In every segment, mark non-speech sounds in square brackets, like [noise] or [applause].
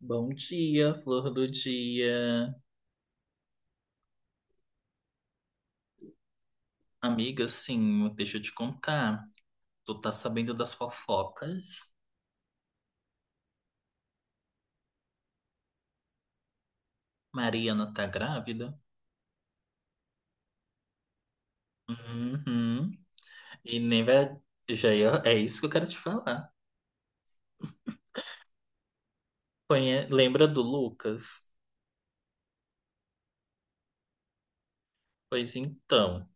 Bom dia, flor do dia. Amiga, sim, deixa eu te contar. Tu tá sabendo das fofocas? Mariana tá grávida? Uhum. E nem vai. É isso que eu quero te falar. Lembra do Lucas? Pois então,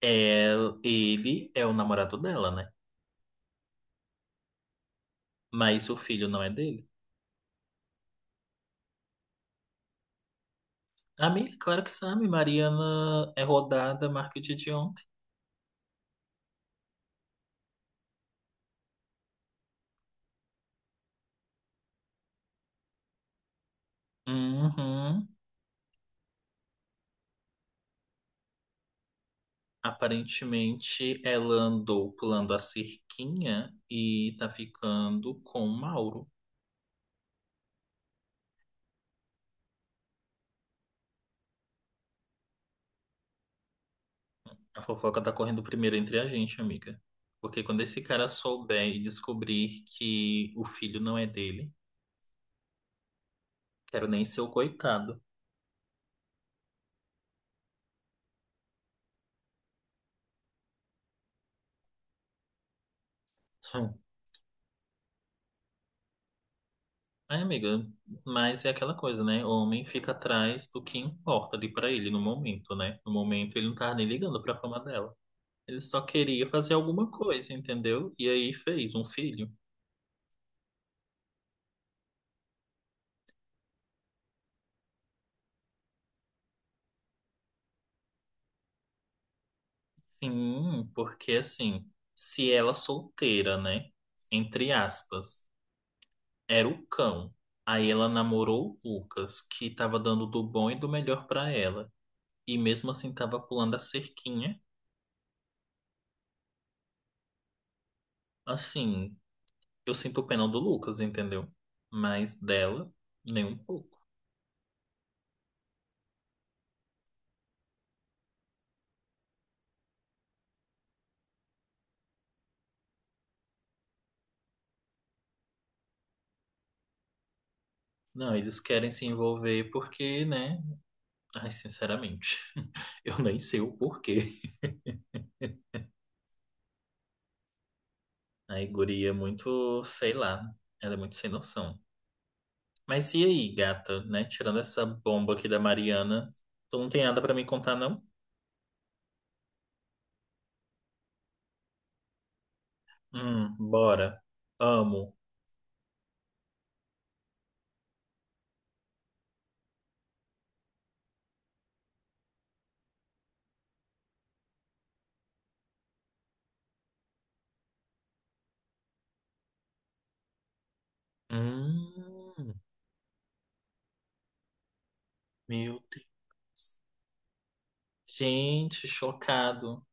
é... ele é o namorado dela, né? Mas o filho não é dele. Amiga, claro que sabe. Mariana é rodada, marca o dia de ontem. Uhum. Aparentemente, ela andou pulando a cerquinha e tá ficando com o Mauro. A fofoca tá correndo primeiro entre a gente, amiga. Porque quando esse cara souber e descobrir que o filho não é dele, quero nem ser o coitado. Hum. É, amiga, mas é aquela coisa, né? O homem fica atrás do que importa ali pra ele no momento, né? No momento ele não tava nem ligando pra fama dela. Ele só queria fazer alguma coisa, entendeu? E aí fez um filho. Sim, porque assim, se ela solteira, né? Entre aspas, era o cão. Aí ela namorou o Lucas, que tava dando do bom e do melhor pra ela. E mesmo assim tava pulando a cerquinha. Assim, eu sinto pena do Lucas, entendeu? Mas dela, nem um pouco. Não, eles querem se envolver porque, né? Ai, sinceramente, [laughs] eu nem sei o porquê. A guria é muito, sei lá, ela é muito sem noção. Mas e aí, gata, né? Tirando essa bomba aqui da Mariana, tu não tem nada pra me contar, não? Bora. Amo. Hum, meu Deus. Gente, chocado.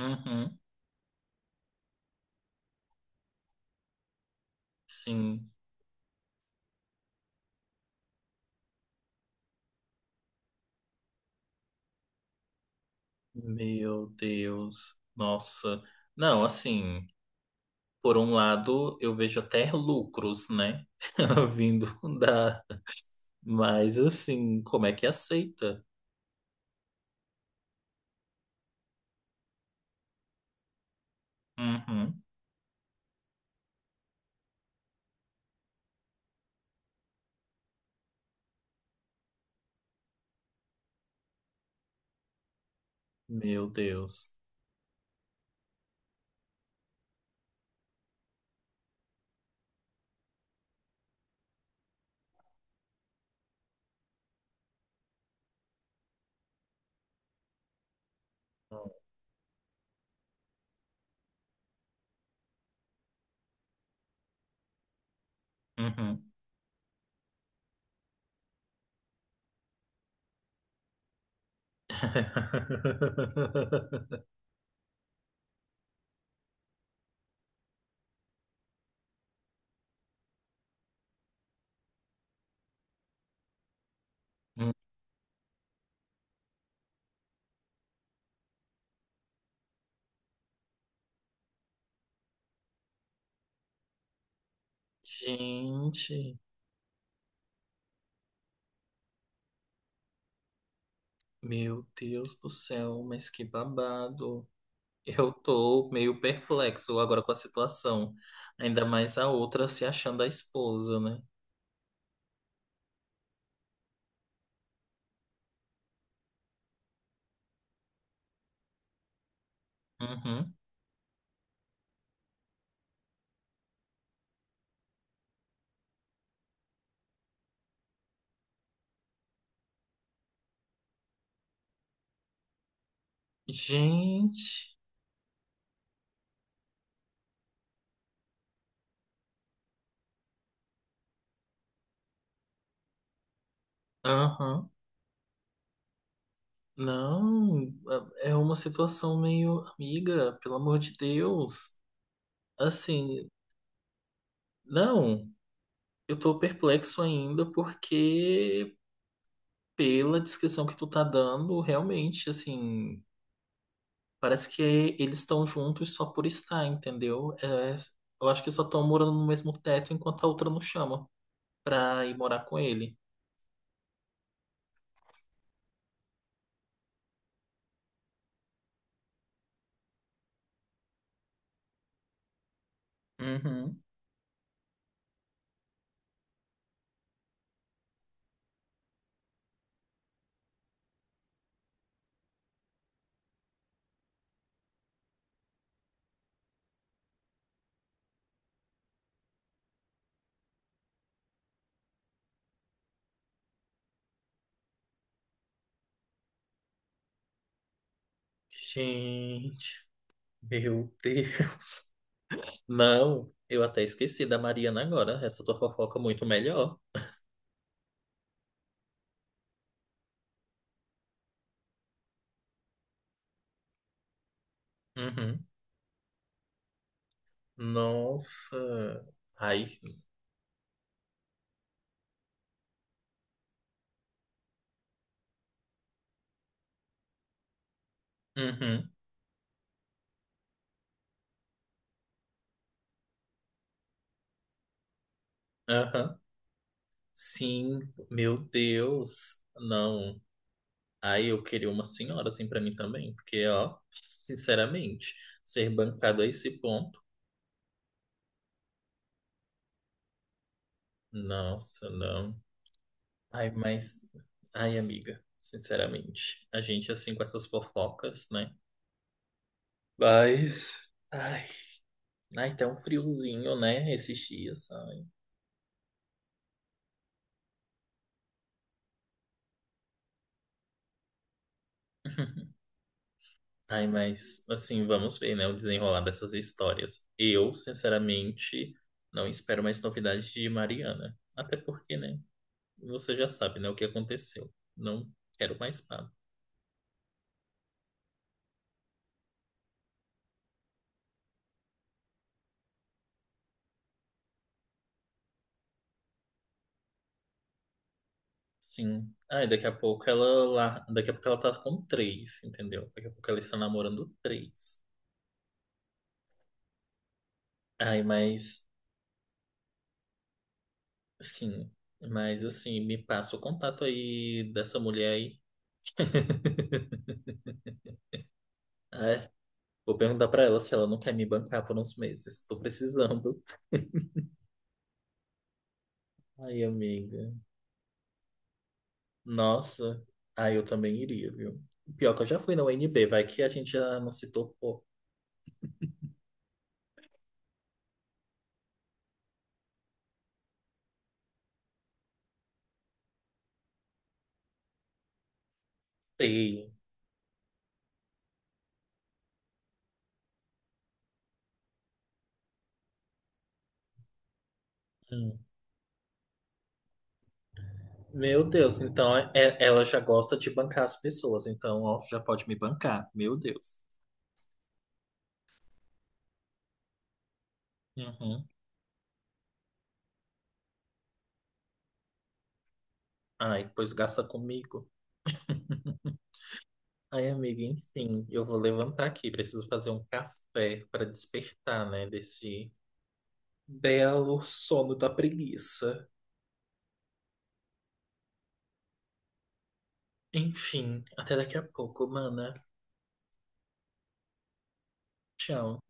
Uhum, sim. Meu Deus. Nossa. Não, assim, por um lado, eu vejo até lucros, né? [laughs] Vindo da. Mas, assim, como é que aceita? Uhum, meu Deus. Uhum. Hum. Gente, meu Deus do céu, mas que babado. Eu tô meio perplexo agora com a situação. Ainda mais a outra se achando a esposa, né? Uhum. Gente, aham. Não, é uma situação meio amiga, pelo amor de Deus. Assim, não, eu tô perplexo ainda porque pela descrição que tu tá dando, realmente, assim, parece que eles estão juntos só por estar, entendeu? É, eu acho que só estão morando no mesmo teto enquanto a outra não chama pra ir morar com ele. Uhum. Gente, meu Deus. Não, eu até esqueci da Mariana agora. Essa tua fofoca é muito melhor. Uhum. Nossa. Ai. Uhum. Aham. Sim, meu Deus. Não. Aí eu queria uma senhora assim pra mim também, porque, ó, sinceramente, ser bancado a esse ponto, nossa, não. Ai, mas, ai, amiga, sinceramente, a gente assim com essas fofocas, né? Mas, ai, ai, tá um friozinho, né, esses dias, ai. [laughs] Ai, mas, assim, vamos ver, né, o desenrolar dessas histórias. Eu, sinceramente, não espero mais novidades de Mariana. Até porque, né? Você já sabe, né, o que aconteceu. Não quero mais papo. Sim. Ai, daqui a pouco ela lá, daqui a pouco ela tá com três, entendeu? Daqui a pouco ela está namorando três. Ai, sim, mas assim, me passa o contato aí dessa mulher aí. [laughs] Ai, vou perguntar pra ela se ela não quer me bancar por uns meses. Tô precisando. Ai, amiga. Nossa. Ai, eu também iria, viu? Pior que eu já fui na UNB, vai que a gente já não se topou. Feio. Meu Deus, então é- ela já gosta de bancar as pessoas, então ó, já pode me bancar. Meu Deus. Uhum. Ai, pois gasta comigo. [laughs] Ai, amiga, enfim, eu vou levantar aqui. Preciso fazer um café para despertar, né, desse belo sono da preguiça. Enfim, até daqui a pouco, mana. Tchau.